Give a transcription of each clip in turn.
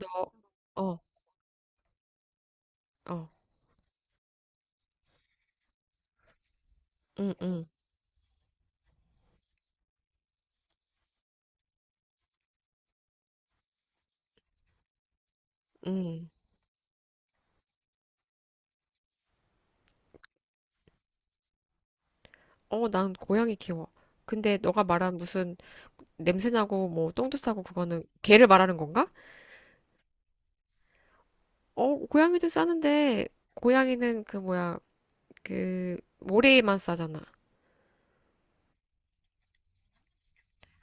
어, 어, 어, 응, 응, 응. 어, 난 고양이 키워. 근데 너가 말한 무슨 냄새나고 뭐 똥도 싸고 그거는 개를 말하는 건가? 어, 고양이도 싸는데 고양이는 그 뭐야, 그 모래만 싸잖아.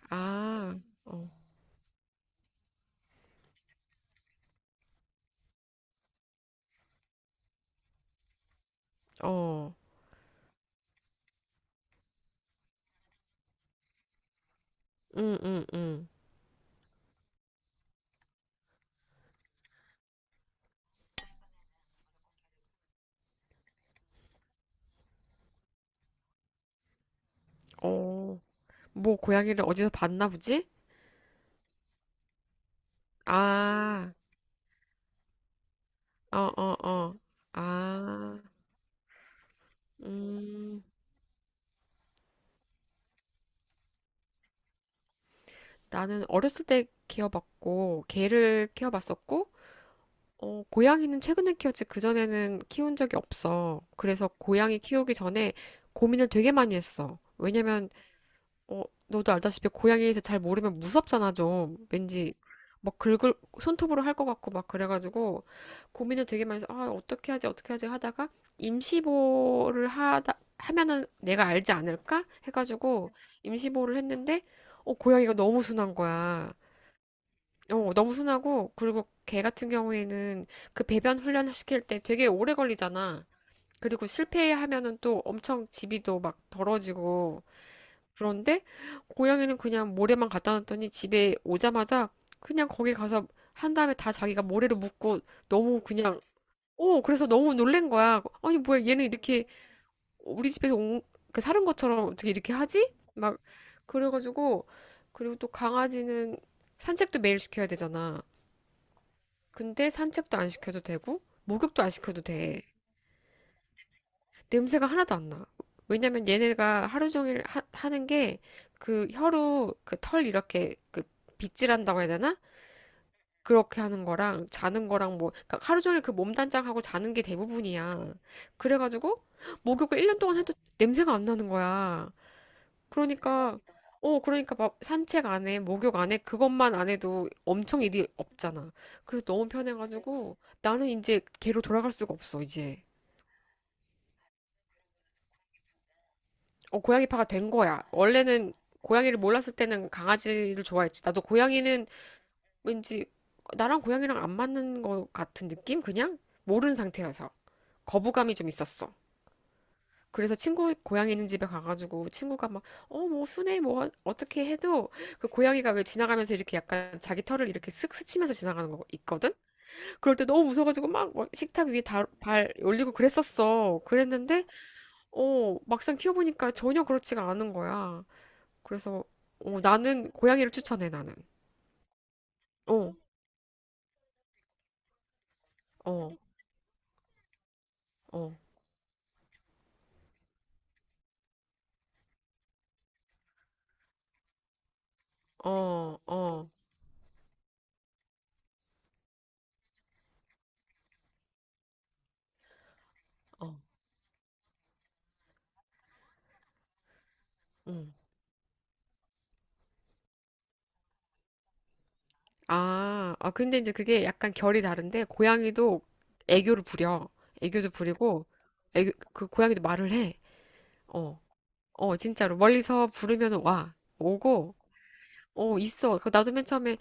아, 어, 어, 응, 응, 응. 어, 뭐 고양이를 어디서 봤나 보지? 아, 어, 어, 어. 아, 음, 나는 어렸을 때 키워봤고 개를 키워봤었고. 어, 고양이는 최근에 키웠지. 그전에는 키운 적이 없어. 그래서 고양이 키우기 전에 고민을 되게 많이 했어. 왜냐면, 어, 너도 알다시피 고양이에 서 잘 모르면 무섭잖아, 좀. 왠지 막 긁을, 손톱으로 할 것 같고 막 그래가지고 고민을 되게 많이 해서, 아, 어떻게 하지, 어떻게 하지 하다가 임시보호를 하면은 내가 알지 않을까 해가지고 임시보호를 했는데, 어, 고양이가 너무 순한 거야. 어, 너무 순하고, 그리고 개 같은 경우에는 그 배변 훈련 시킬 때 되게 오래 걸리잖아. 그리고 실패하면은 또 엄청 집이도 막 더러지고. 그런데 고양이는 그냥 모래만 갖다 놨더니 집에 오자마자 그냥 거기 가서 한 다음에 다 자기가 모래로 묻고 너무 그냥, 어, 그래서 너무 놀란 거야. 아니, 뭐야, 얘는 이렇게 우리 집에서 온, 그 사는 것처럼 어떻게 이렇게 하지? 막, 그래가지고, 그리고 또 강아지는 산책도 매일 시켜야 되잖아. 근데 산책도 안 시켜도 되고, 목욕도 안 시켜도 돼. 냄새가 하나도 안 나. 왜냐면 얘네가 하루 종일 하는 게, 그 혀로 그 털 이렇게 그 빗질한다고 해야 되나? 그렇게 하는 거랑, 자는 거랑 뭐, 그러니까 하루 종일 그 몸단장하고 자는 게 대부분이야. 그래가지고, 목욕을 1년 동안 해도 냄새가 안 나는 거야. 그러니까, 어, 그러니까 막 산책 안 해, 목욕 안 해, 그것만 안 해도 엄청 일이 없잖아. 그래서 너무 편해가지고 나는 이제 걔로 돌아갈 수가 없어, 이제. 어, 고양이파가 된 거야. 원래는 고양이를 몰랐을 때는 강아지를 좋아했지. 나도 고양이는 왠지 나랑 고양이랑 안 맞는 것 같은 느낌? 그냥? 모르는 상태여서. 거부감이 좀 있었어. 그래서 친구 고양이 있는 집에 가가지고 친구가 막, 어, 뭐, 순해, 뭐, 떻게 해도 그 고양이가 왜 지나가면서 이렇게 약간 자기 털을 이렇게 쓱 스치면서 지나가는 거 있거든? 그럴 때 너무 무서워가지고 막, 막 식탁 위에 다, 발 올리고 그랬었어. 그랬는데, 어, 막상 키워보니까 전혀 그렇지가 않은 거야. 그래서, 어, 나는 고양이를 추천해, 나는. 어, 어, 어, 어, 어, 어, 응. 아, 아, 근데 이제 그게 약간 결이 다른데, 고양이도 애교를 부려. 애교도 부리고, 애교, 그 고양이도 말을 해. 어, 어, 진짜로. 멀리서 부르면 와. 오고, 어, 있어. 그 나도 맨 처음에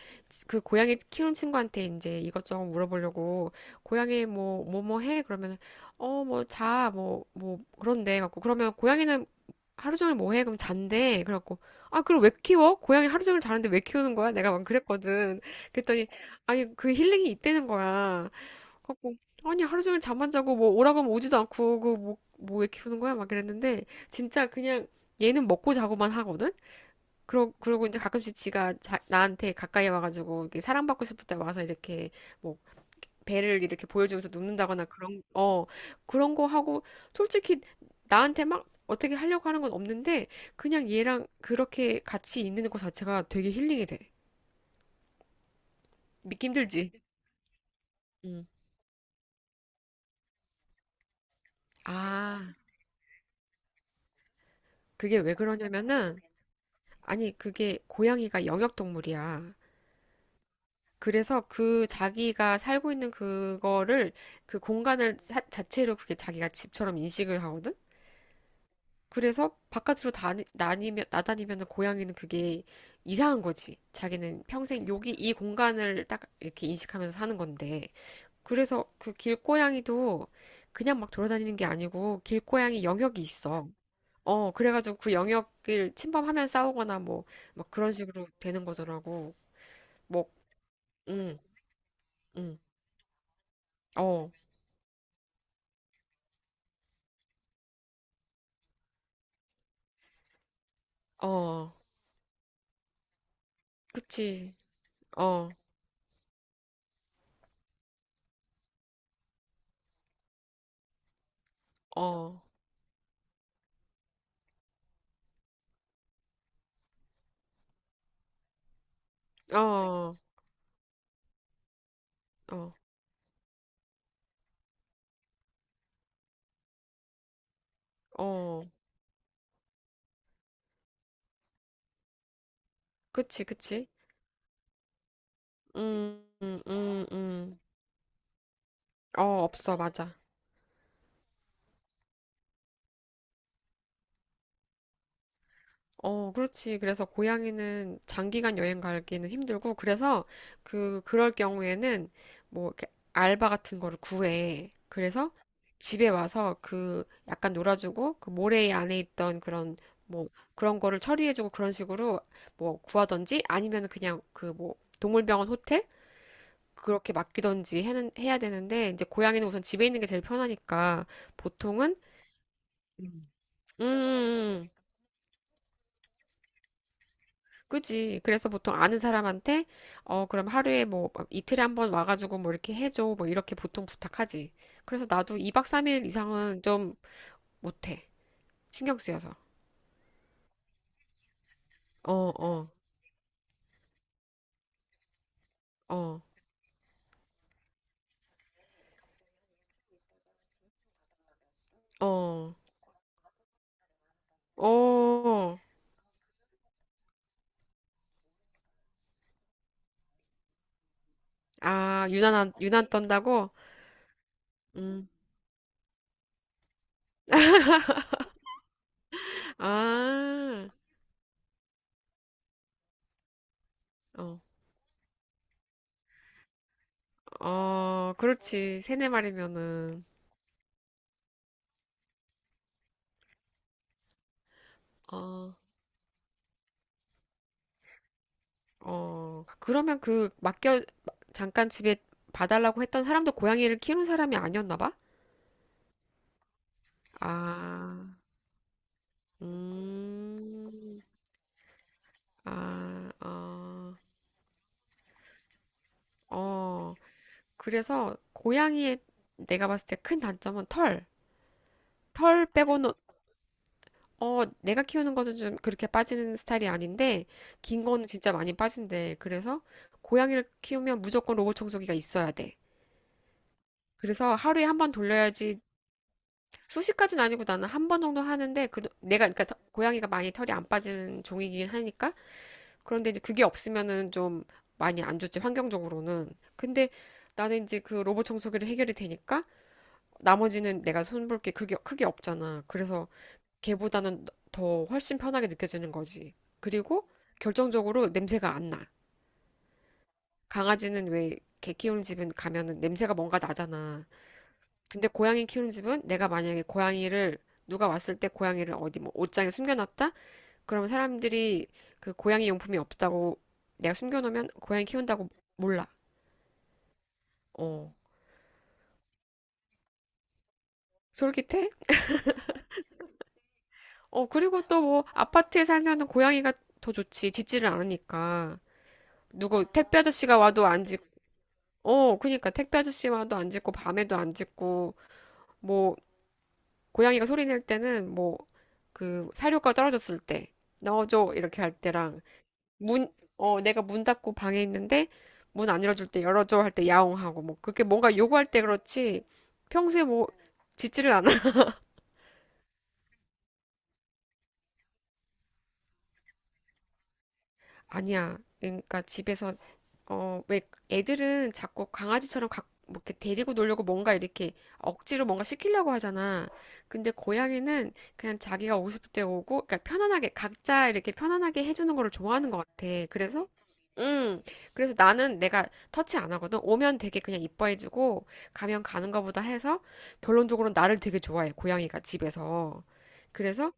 그 고양이 키우는 친구한테 이제 이것저것 물어보려고, 고양이 뭐, 뭐, 뭐 해? 그러면, 어, 뭐, 자, 뭐, 뭐, 그런데 갖고 그러면 고양이는 하루 종일 뭐 해? 그럼 잔대. 그래갖고, 아, 그럼 왜 키워? 고양이 하루 종일 자는데 왜 키우는 거야? 내가 막 그랬거든. 그랬더니, 아니, 그 힐링이 있다는 거야. 그래갖고, 아니, 하루 종일 잠만 자고 뭐 오라고 하면 오지도 않고, 그 뭐, 뭐 왜 키우는 거야? 막 그랬는데, 진짜 그냥 얘는 먹고 자고만 하거든? 그러고 이제 가끔씩 지가 나한테 가까이 와가지고, 이렇게 사랑받고 싶을 때 와서 이렇게 뭐 배를 이렇게 보여주면서 눕는다거나 그런, 어, 그런 거 하고, 솔직히 나한테 막 어떻게 하려고 하는 건 없는데, 그냥 얘랑 그렇게 같이 있는 것 자체가 되게 힐링이 돼. 믿기 힘들지? 음. 아, 그게 왜 그러냐면은, 아니, 그게 고양이가 영역동물이야. 그래서 그 자기가 살고 있는 그거를, 그 공간을 자체로 그게 자기가 집처럼 인식을 하거든? 그래서 바깥으로 다, 나다니면 고양이는 그게 이상한 거지. 자기는 평생 여기 이 공간을 딱 이렇게 인식하면서 사는 건데. 그래서 그 길고양이도 그냥 막 돌아다니는 게 아니고 길고양이 영역이 있어. 어, 그래가지고 그 영역을 침범하면 싸우거나 뭐, 막 그런 식으로 되는 거더라고. 뭐, 응, 응, 어, 어, 그치, 어, 어, 어, 어, 어, 그치, 그치. 음, 음, 음, 음. 어, 없어, 맞아. 어, 그렇지. 그래서 고양이는 장기간 여행 가기는 힘들고, 그래서 그럴 경우에는 뭐, 이렇게 알바 같은 거를 구해. 그래서 집에 와서 그, 약간 놀아주고, 그 모래 안에 있던 그런, 뭐, 그런 거를 처리해주고 그런 식으로 뭐 구하던지 아니면 그냥 그 뭐, 동물병원 호텔? 그렇게 맡기던지 해야 되는데, 이제 고양이는 우선 집에 있는 게 제일 편하니까 보통은. 음, 그지. 그래서 보통 아는 사람한테, 어, 그럼 하루에 뭐, 이틀에 한번 와가지고 뭐 이렇게 해줘. 뭐 이렇게 보통 부탁하지. 그래서 나도 2박 3일 이상은 좀 못해. 신경 쓰여서. 어, 어, 어, 어, 어. 아, 유난 떤다고? 음, 아, 어, 어, 그렇지. 세네 마리면은, 어. 어, 그러면 그 맡겨 잠깐 집에 봐달라고 했던 사람도 고양이를 키우는 사람이 아니었나 봐? 아, 음, 아, 어, 어. 그래서 고양이의 내가 봤을 때 큰 단점은 털. 털 빼고는 어, 내가 키우는 거는 좀 그렇게 빠지는 스타일이 아닌데 긴 거는 진짜 많이 빠진대. 그래서 고양이를 키우면 무조건 로봇 청소기가 있어야 돼. 그래서 하루에 한번 돌려야지. 수십 가지는 아니고 나는 한 번 정도 하는데 그 내가 그러니까 더- 고양이가 많이 털이 안 빠지는 종이긴 하니까. 그런데 이제 그게 없으면은 좀 많이 안 좋지, 환경적으로는. 근데 나는 이제 그 로봇 청소기로 해결이 되니까 나머지는 내가 손볼 게 그게 크게 없잖아. 그래서 걔보다는 더 훨씬 편하게 느껴지는 거지. 그리고 결정적으로 냄새가 안 나. 강아지는 왜 개 키우는 집은 가면은 냄새가 뭔가 나잖아. 근데 고양이 키우는 집은 내가 만약에 고양이를, 누가 왔을 때 고양이를 어디 뭐 옷장에 숨겨놨다? 그러면 사람들이 그 고양이 용품이 없다고 내가 숨겨놓으면 고양이 키운다고 몰라. 어. 솔깃해? 어, 그리고 또 뭐 아파트에 살면은 고양이가 더 좋지. 짖지를 않으니까. 누구 택배 아저씨가 와도 안 짖고. 어, 그니까 택배 아저씨 와도 안 짖고 밤에도 안 짖고 뭐 고양이가 소리 낼 때는 뭐 그 사료가 떨어졌을 때 넣어줘 이렇게 할 때랑, 문, 어, 내가 문 닫고 방에 있는데 문 안 열어줄 때 열어줘 할 때 야옹하고 뭐 그게 렇 뭔가 요구할 때 그렇지. 평소에 뭐 짖지를 않아. 아니야. 그러니까 집에서 어, 왜 애들은 자꾸 강아지처럼 각, 뭐 이렇게 데리고 놀려고 뭔가 이렇게 억지로 뭔가 시키려고 하잖아. 근데 고양이는 그냥 자기가 오고 싶을 때 오고, 그러니까 편안하게, 각자 이렇게 편안하게 해주는 거를 좋아하는 것 같아. 그래서, 음, 그래서 나는 내가 터치 안 하거든. 오면 되게 그냥 이뻐해주고, 가면 가는 거보다 해서, 결론적으로 나를 되게 좋아해, 고양이가 집에서. 그래서,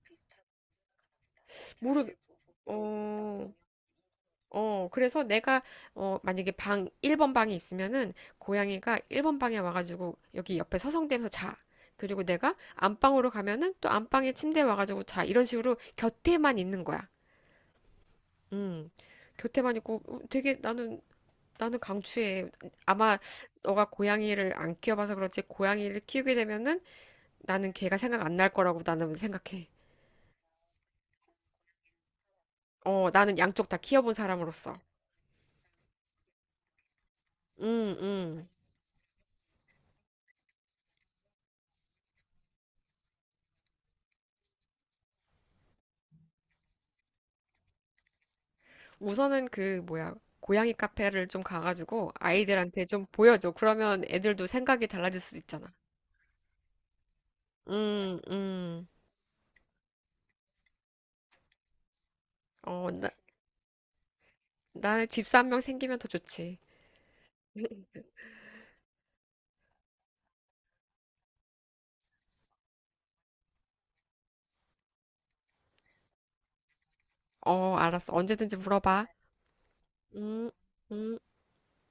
모르, 어, 어, 그래서 내가, 어, 만약에 방, 1번 방이 있으면은, 고양이가 1번 방에 와가지고, 여기 옆에 서성대면서 자. 그리고 내가 안방으로 가면은, 또 안방에 침대에 와가지고 자. 이런 식으로 곁에만 있는 거야. 음, 곁에만 있고, 어, 되게 나는, 나는 강추해. 아마, 너가 고양이를 안 키워봐서 그렇지, 고양이를 키우게 되면은, 나는 걔가 생각 안 날 거라고 나는 생각해. 어, 나는 양쪽 다 키워본 사람으로서. 음, 음. 우선은 그 뭐야 고양이 카페를 좀 가가지고 아이들한테 좀 보여줘. 그러면 애들도 생각이 달라질 수 있잖아. 음, 음. 어, 나, 나는 집사 한 명 생기면 더 좋지. 어, 알았어. 언제든지 물어봐. 음, 음.